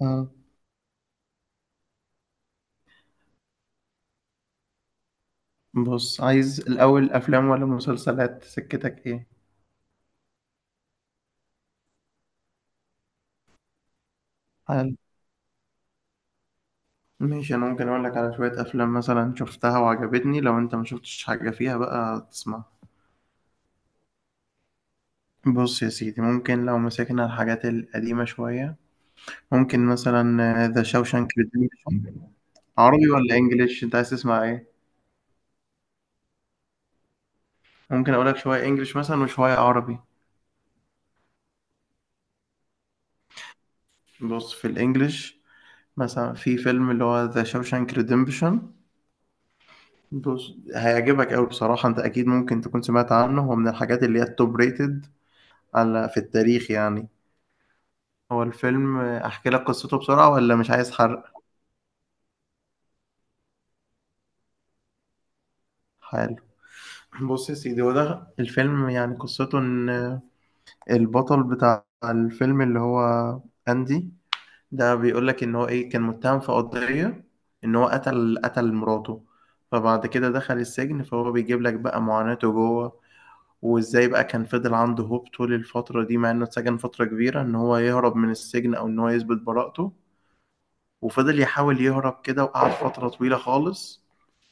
اه. بص، عايز الأول أفلام ولا مسلسلات سكتك إيه؟ حال. ماشي، أنا ممكن أقول لك على شوية أفلام مثلا شفتها وعجبتني، لو أنت ما شفتش حاجة فيها بقى تسمع. بص يا سيدي، ممكن لو مسكنا الحاجات القديمة شوية ممكن مثلا ذا شاوشانك ريديمشن. عربي ولا إنجليش أنت عايز تسمع إيه؟ ممكن أقول لك شوية إنجليش مثلا وشوية عربي. بص في الإنجليش، مثلا في فيلم اللي هو ذا شاوشانك ريديمشن. بص هيعجبك قوي بصراحة، انت اكيد ممكن تكون سمعت عنه، هو من الحاجات اللي هي التوب ريتد على في التاريخ يعني. هو الفيلم احكي لك قصته بسرعة ولا مش عايز حرق؟ حلو. بص يا سيدي، هو ده الفيلم، يعني قصته ان البطل بتاع الفيلم اللي هو اندي ده بيقول لك ان هو ايه كان متهم في قضية ان هو قتل مراته. فبعد كده دخل السجن، فهو بيجيب لك بقى معاناته جوه، وازاي بقى كان فضل عنده هوب طول الفترة دي مع انه اتسجن فترة كبيرة ان هو يهرب من السجن او ان هو يثبت براءته. وفضل يحاول يهرب كده وقعد فترة طويلة خالص،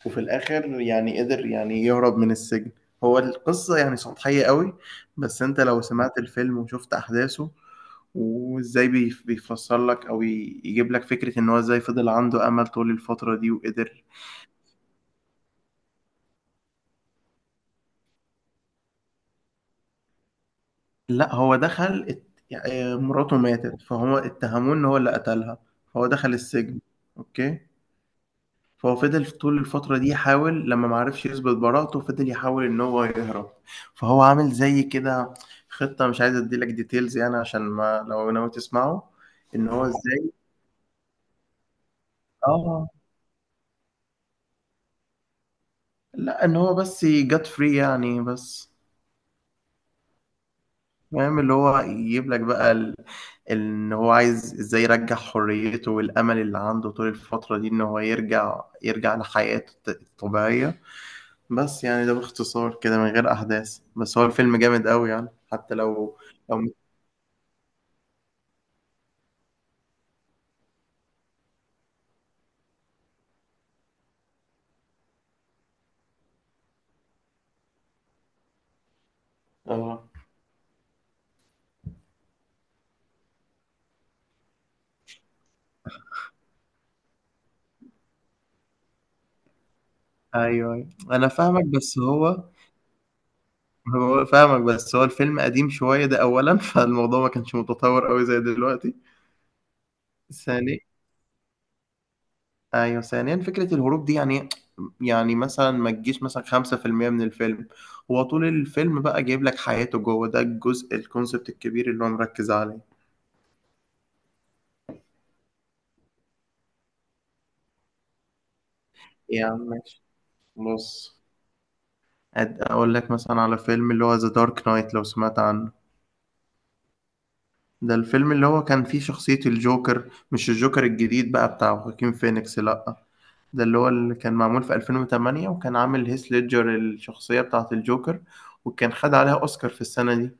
وفي الاخر يعني قدر يعني يهرب من السجن. هو القصة يعني سطحية قوي، بس انت لو سمعت الفيلم وشفت احداثه وازاي بيفسر لك او يجيب لك فكرة ان هو ازاي فضل عنده امل طول الفترة دي وقدر. لا، هو يعني مراته ماتت فهو اتهموه ان هو اللي قتلها، فهو دخل السجن. اوكي. فهو فضل في طول الفترة دي يحاول، لما معرفش يثبت براءته فضل يحاول ان هو يهرب. فهو عامل زي كده خطة، مش عايز اديلك ديتيلز يعني عشان ما لو ناوي تسمعه. ان هو ازاي. اه. لا، ان هو بس جت فري يعني بس. فاهم اللي هو يجيب لك بقى ان هو عايز ازاي يرجع حريته والامل اللي عنده طول الفترة دي ان هو يرجع لحياته الطبيعية. بس يعني ده باختصار كده من غير احداث، بس هو الفيلم جامد قوي يعني، حتى لو. اه. ايوه ايوه انا فاهمك، بس هو فاهمك، بس هو الفيلم قديم شوية ده اولا فالموضوع ما كانش متطور قوي زي دلوقتي. ثانيا. ايوه، ثانيا فكره الهروب دي يعني، يعني مثلا ما تجيش مثلا 5% من الفيلم. هو طول الفيلم بقى جايب لك حياته جوه، ده الجزء الكونسبت الكبير اللي هو مركز عليه. يعني ماشي. بص، اقول لك مثلا على فيلم اللي هو ذا دارك نايت لو سمعت عنه. ده الفيلم اللي هو كان فيه شخصية الجوكر، مش الجوكر الجديد بقى بتاع خواكين فينيكس، لأ، ده اللي كان معمول في 2008، وكان عامل هيث ليدجر الشخصية بتاعة الجوكر، وكان خد عليها أوسكار في السنة دي.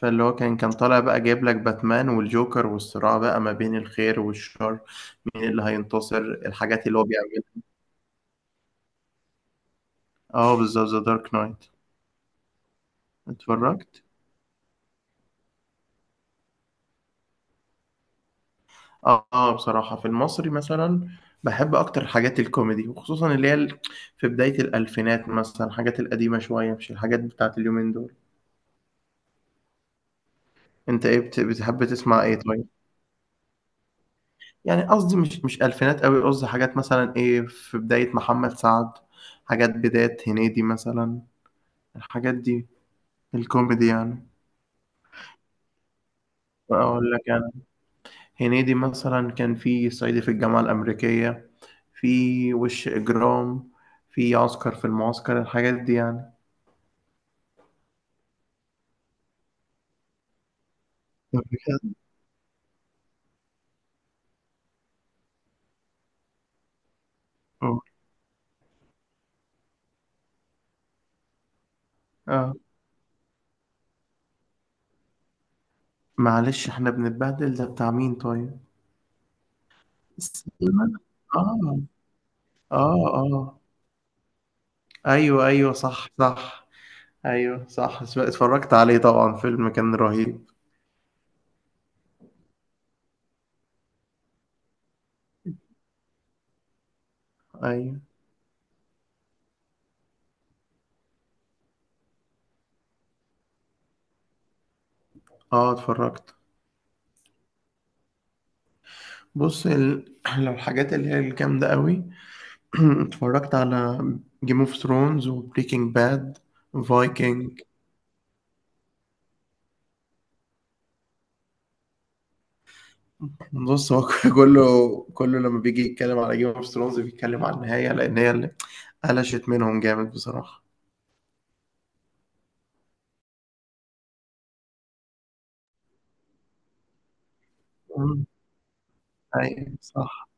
فاللي هو كان طالع بقى جايب لك باتمان والجوكر والصراع بقى ما بين الخير والشر، مين اللي هينتصر، الحاجات اللي هو بيعملها. اه بالظبط ذا دارك نايت. اتفرجت. اه آه، بصراحة في المصري مثلا بحب اكتر حاجات الكوميدي، وخصوصا اللي هي في بداية الالفينات مثلا الحاجات القديمة شوية مش الحاجات بتاعت اليومين دول. انت ايه بتحب تسمع ايه طيب؟ يعني قصدي مش الفينات قوي، قصدي حاجات مثلا ايه في بداية محمد سعد، حاجات بداية هنيدي مثلا، الحاجات دي الكوميدي يعني. أقول لك أنا. هنيدي مثلا كان في صعيدي في الجامعة الأمريكية، في وش إجرام، في عسكر في المعسكر، الحاجات دي يعني. طب بجد؟ أه آه. معلش إحنا بنتبهدل ده بتاع مين طيب؟ سلمان. آه. آه آه أيوه أيوه صح صح. أيوه صح، اتفرجت عليه طبعا، فيلم كان رهيب. أيوه. آه اتفرجت. بص لو الحاجات اللي هي الجامدة قوي اتفرجت على جيم اوف ثرونز وبريكنج باد فايكنج. بص هو كله كله لما بيجي يتكلم على جيم اوف ثرونز بيتكلم على النهاية، لأن هي اللي قلشت منهم جامد بصراحة. مم. أيوة صح.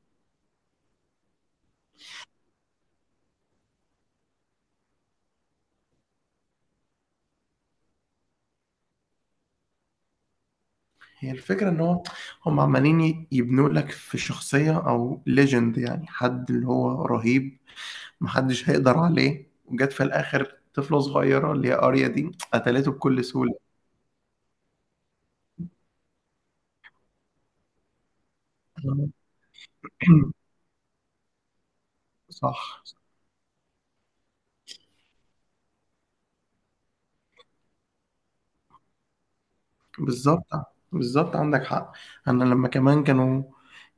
هي الفكرة إن هو، هم عمالين يبنوا لك في شخصية أو ليجند، يعني حد اللي هو رهيب محدش هيقدر عليه، وجت في الآخر طفلة صغيرة اللي هي أريا دي قتلته بكل سهولة. صح. بالظبط، بالظبط عندك حق. انا لما كمان كانوا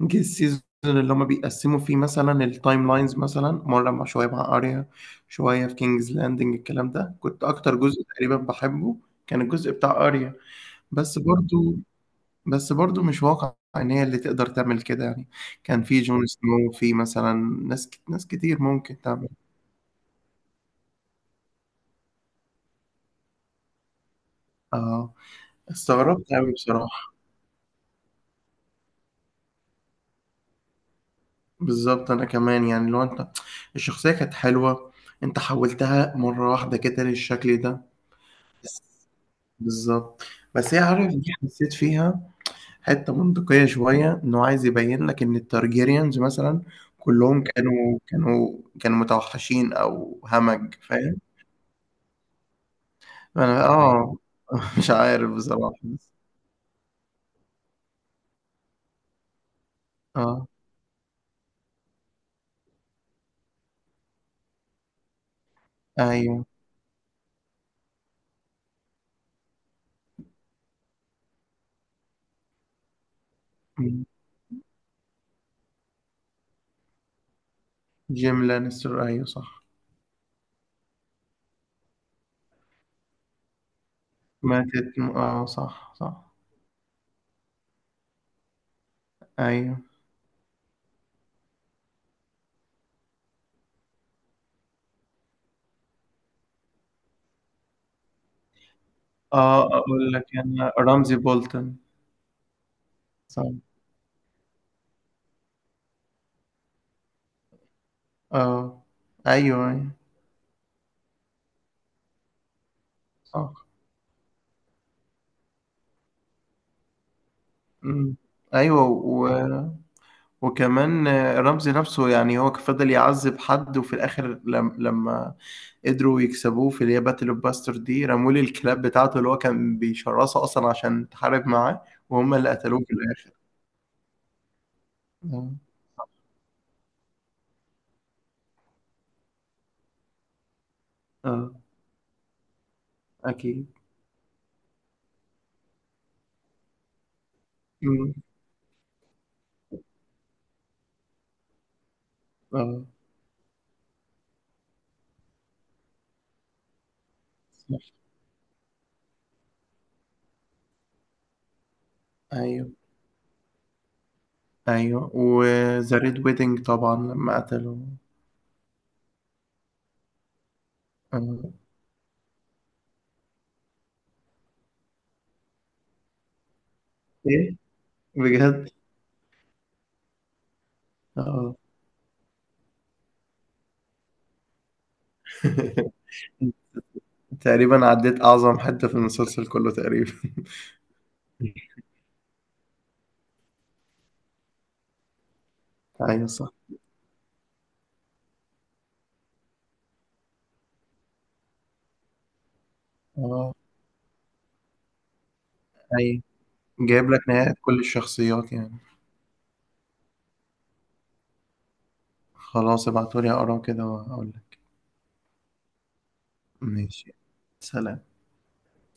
جه السيزون اللي هما بيقسموا فيه مثلا التايم لاينز، مثلا مره مع شويه مع اريا، شويه في كينجز لاندنج، الكلام ده كنت اكتر جزء تقريبا بحبه، كان الجزء بتاع اريا. بس برضو بس برضو مش واقع ان هي اللي تقدر تعمل كده يعني. كان في جون سنو، في مثلا ناس ناس كتير ممكن تعمل. اه، استغربت قوي بصراحه. بالظبط، انا كمان يعني لو انت، الشخصية كانت حلوة، انت حولتها مرة واحدة كده للشكل ده. بالظبط. بس هي عارف دي حسيت فيها حتة منطقية شوية، انه عايز يبين لك ان التارجيريانز مثلا كلهم كانوا متوحشين او همج، فاهم. انا اه مش عارف بصراحة بس. اه ايوه جيم لانستر ايوه صح. ماتت اه صح صح. ايوه. آه أقول لك أنا رمزي بولتن. صح. آه. أيوه أيوه صح. مم. أيوه و... وكمان رمزي نفسه يعني هو فضل يعذب حد، وفي الآخر لم... لما قدروا يكسبوه في اللي هي باتل أوف باستر دي، رموا لي الكلاب بتاعته اللي هو كان بيشرسه أصلا عشان تحارب معاه، وهم اللي قتلوه في الآخر. آه. آه أكيد. مم. آه صح أيوه أيوه. وذا ريد ويدنج طبعا لما قتلوا. آه. إيه؟ بجد. اه تقريبا عديت اعظم حتة في المسلسل كله تقريبا ايوه صح. اه ايوه جايب لك نهاية كل الشخصيات يعني. خلاص ابعتولي اقراه كده واقول لك. ماشي. سلام.